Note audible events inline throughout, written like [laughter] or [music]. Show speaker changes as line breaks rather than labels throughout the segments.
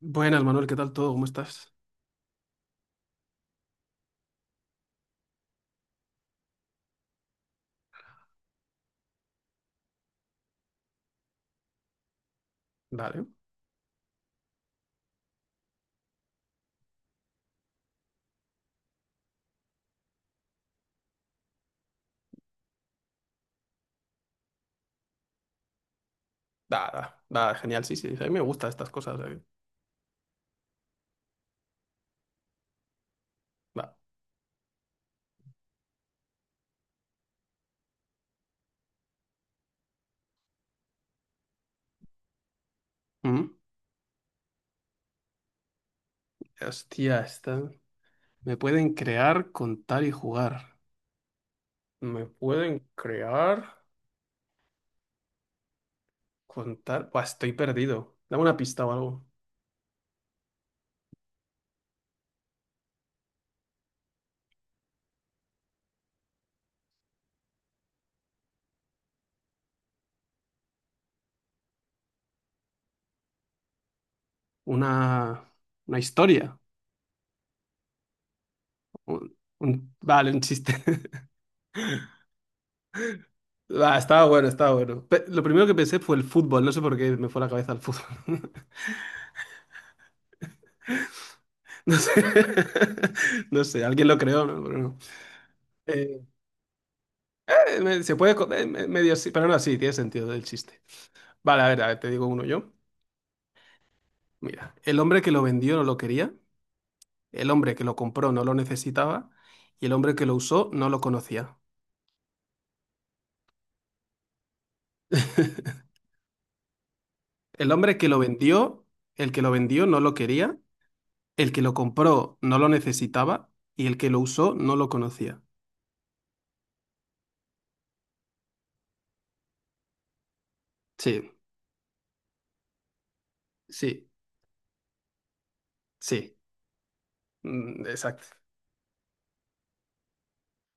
Buenas, Manuel, ¿qué tal todo? ¿Cómo estás? Dale, genial, sí, sí, sí, a mí me gustan estas cosas. Va. Ujú. Hostia, esta. Me pueden crear, contar y jugar. Me pueden crear, contar. Buah, estoy perdido. Dame una pista o algo. Una, una historia. Vale, un chiste. [laughs] Va, estaba bueno, estaba bueno. Lo primero que pensé fue el fútbol, no sé por qué me fue la cabeza al fútbol. [laughs] No sé, [laughs] no sé, alguien lo creó, ¿no? Pero no. Eh, Se puede, medio sí, pero no, sí, tiene sentido el chiste. Vale, a ver, te digo uno yo. Mira, el hombre que lo vendió no lo quería, el hombre que lo compró no lo necesitaba y el hombre que lo usó no lo conocía. [laughs] El hombre que lo vendió, el que lo vendió no lo quería, el que lo compró no lo necesitaba y el que lo usó no lo conocía. Sí, sí, sí. Mm, exacto.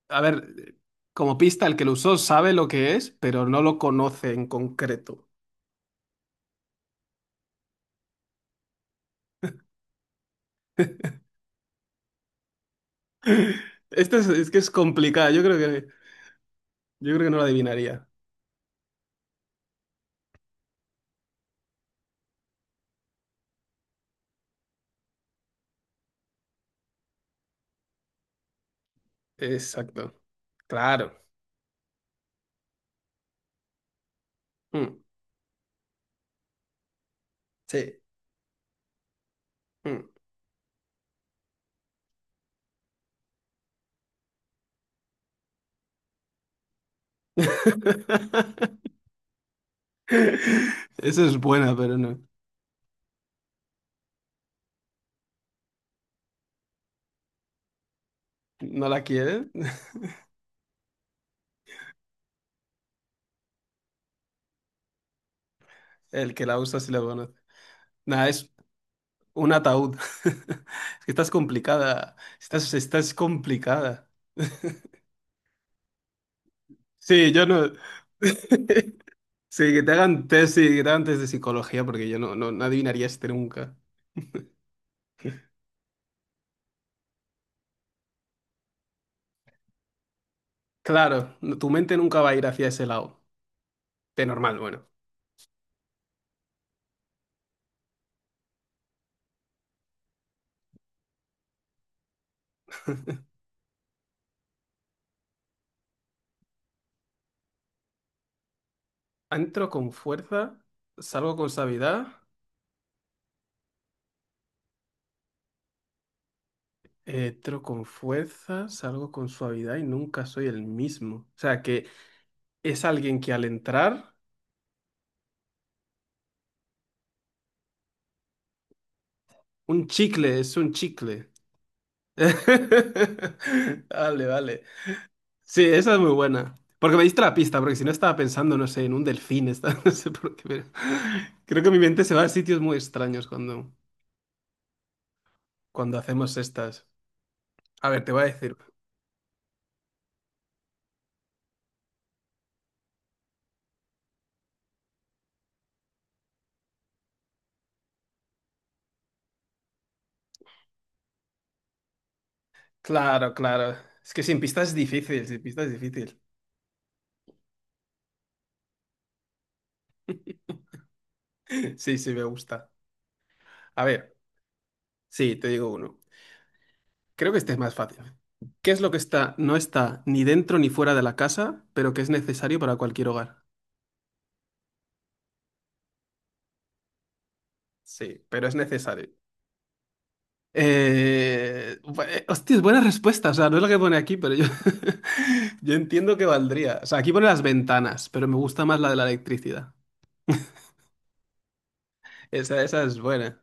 A ver, como pista, el que lo usó sabe lo que es, pero no lo conoce en concreto. Este es que es complicado. Yo creo que no lo adivinaría. Exacto. Claro. Mm, sí. Mm. [laughs] Esa es buena, pero no. ¿No la quiere? [laughs] El que la usa sí la conoce. Nada, es un ataúd. [laughs] Es que estás complicada. Estás, estás complicada. Sí, yo no. [laughs] Sí, que te hagan test, sí, que te hagan test de psicología, porque yo no, no, no adivinaría este nunca. Claro, tu mente nunca va a ir hacia ese lado. De normal, bueno. Entro con fuerza, salgo con suavidad. Entro con fuerza, salgo con suavidad y nunca soy el mismo. O sea, que es alguien que al entrar, un chicle, es un chicle. [laughs] Vale, vale. Sí, esa es muy buena. Porque me diste la pista, porque si no estaba pensando, no sé, en un delfín, [laughs] no sé por qué, pero creo que mi mente se va a sitios muy extraños cuando, cuando hacemos estas. A ver, te voy a decir. Claro, claro. Es que sin pistas es difícil, sin pistas es difícil. [laughs] Sí, sí, me gusta. A ver, sí, te digo uno. Creo que este es más fácil. ¿Qué es lo que está, no está ni dentro ni fuera de la casa, pero que es necesario para cualquier hogar? Sí, pero es necesario. Hostia, es buena respuesta. O sea, no es lo que pone aquí, pero yo, [laughs] yo entiendo que valdría. O sea, aquí pone las ventanas, pero me gusta más la de la electricidad. Esa es buena.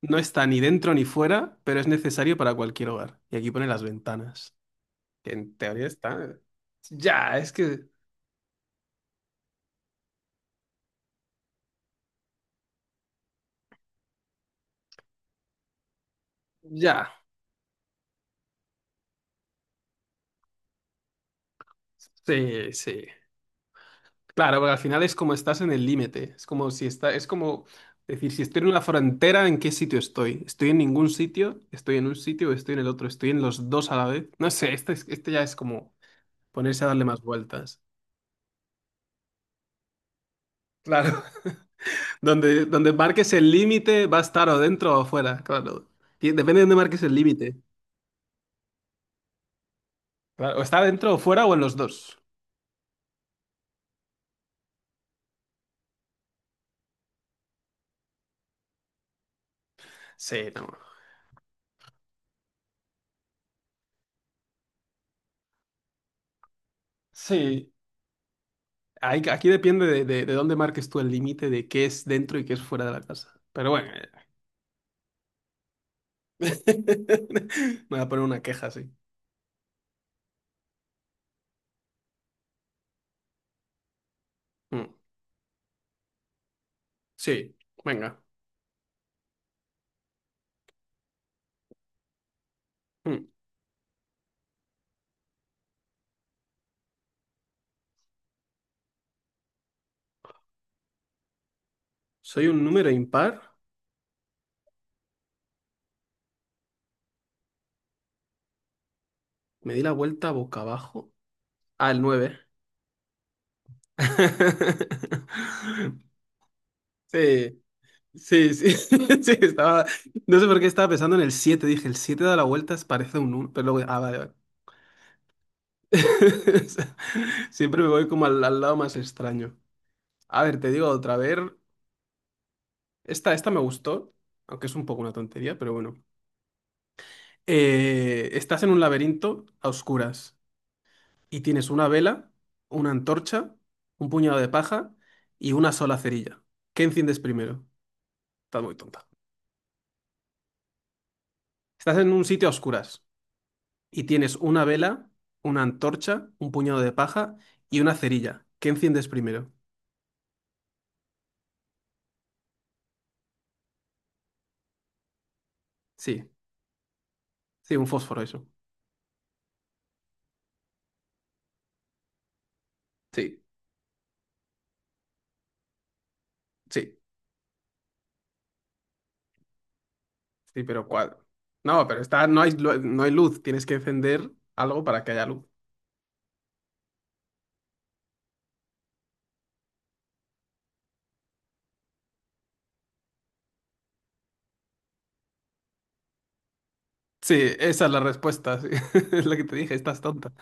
No está ni dentro ni fuera, pero es necesario para cualquier hogar. Y aquí pone las ventanas, que en teoría está... Ya, es que... Ya. Sí, sí. Claro, porque al final es como estás en el límite. Es como si está... Es como decir, si estoy en una frontera, ¿en qué sitio estoy? ¿Estoy en ningún sitio? ¿Estoy en un sitio o estoy en el otro? ¿Estoy en los dos a la vez? No sé, este, este ya es como ponerse a darle más vueltas. Claro. [laughs] Donde, donde marques el límite va a estar o dentro o afuera, claro. Y depende de dónde marques el límite. Claro, o está dentro o fuera o en los dos. Sí, no. Sí, aquí depende de, de dónde marques tú el límite de qué es dentro y qué es fuera de la casa. Pero bueno, [laughs] me voy a poner una queja así. Mm. Sí, venga. Mm. Soy un número impar, me di la vuelta boca abajo. Ah, el 9. [laughs] Sí, sí, sí, [laughs] sí, estaba... No sé por qué estaba pensando en el 7. Dije, el 7 da la vuelta, parece un 1, pero luego, ah, vale, vale. [laughs] Siempre me voy como al, al lado más extraño. A ver, te digo otra vez. Esta me gustó, aunque es un poco una tontería, pero bueno. Estás en un laberinto a oscuras y tienes una vela, una antorcha, un puñado de paja y una sola cerilla. ¿Qué enciendes primero? Estás muy tonta. Estás en un sitio a oscuras y tienes una vela, una antorcha, un puñado de paja y una cerilla. ¿Qué enciendes primero? Sí, sí, un fósforo, eso. Sí, sí. Sí, pero ¿cuál? No, pero está, no hay, no hay luz, tienes que encender algo para que haya luz. Sí, esa es la respuesta, sí. [laughs] Es lo que te dije, estás tonta.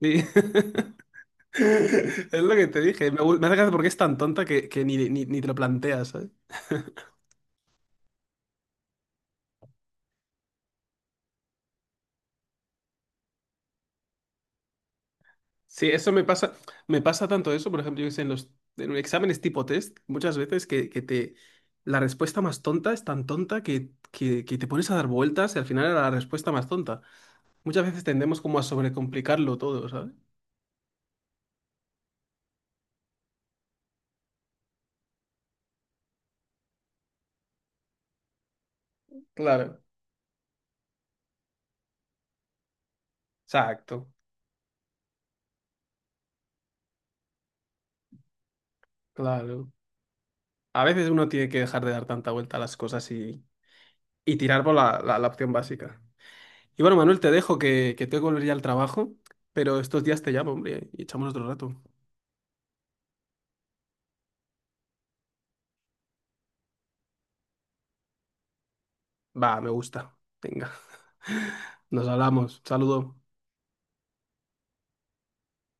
Sí. [laughs] Es lo que te dije, me, me hace gracia porque es tan tonta que ni, ni, ni te lo planteas, ¿sabes? Sí, eso me pasa tanto eso, por ejemplo, yo que sé, en los en exámenes tipo test, muchas veces que te la respuesta más tonta es tan tonta que te pones a dar vueltas y al final era la respuesta más tonta. Muchas veces tendemos como a sobrecomplicarlo todo, ¿sabes? Claro, exacto, claro. A veces uno tiene que dejar de dar tanta vuelta a las cosas y tirar por la, la opción básica. Y bueno, Manuel, te dejo que tengo que volver ya al trabajo, pero estos días te llamo, hombre, y echamos otro rato. Va, me gusta. Venga, [laughs] nos hablamos. Saludo.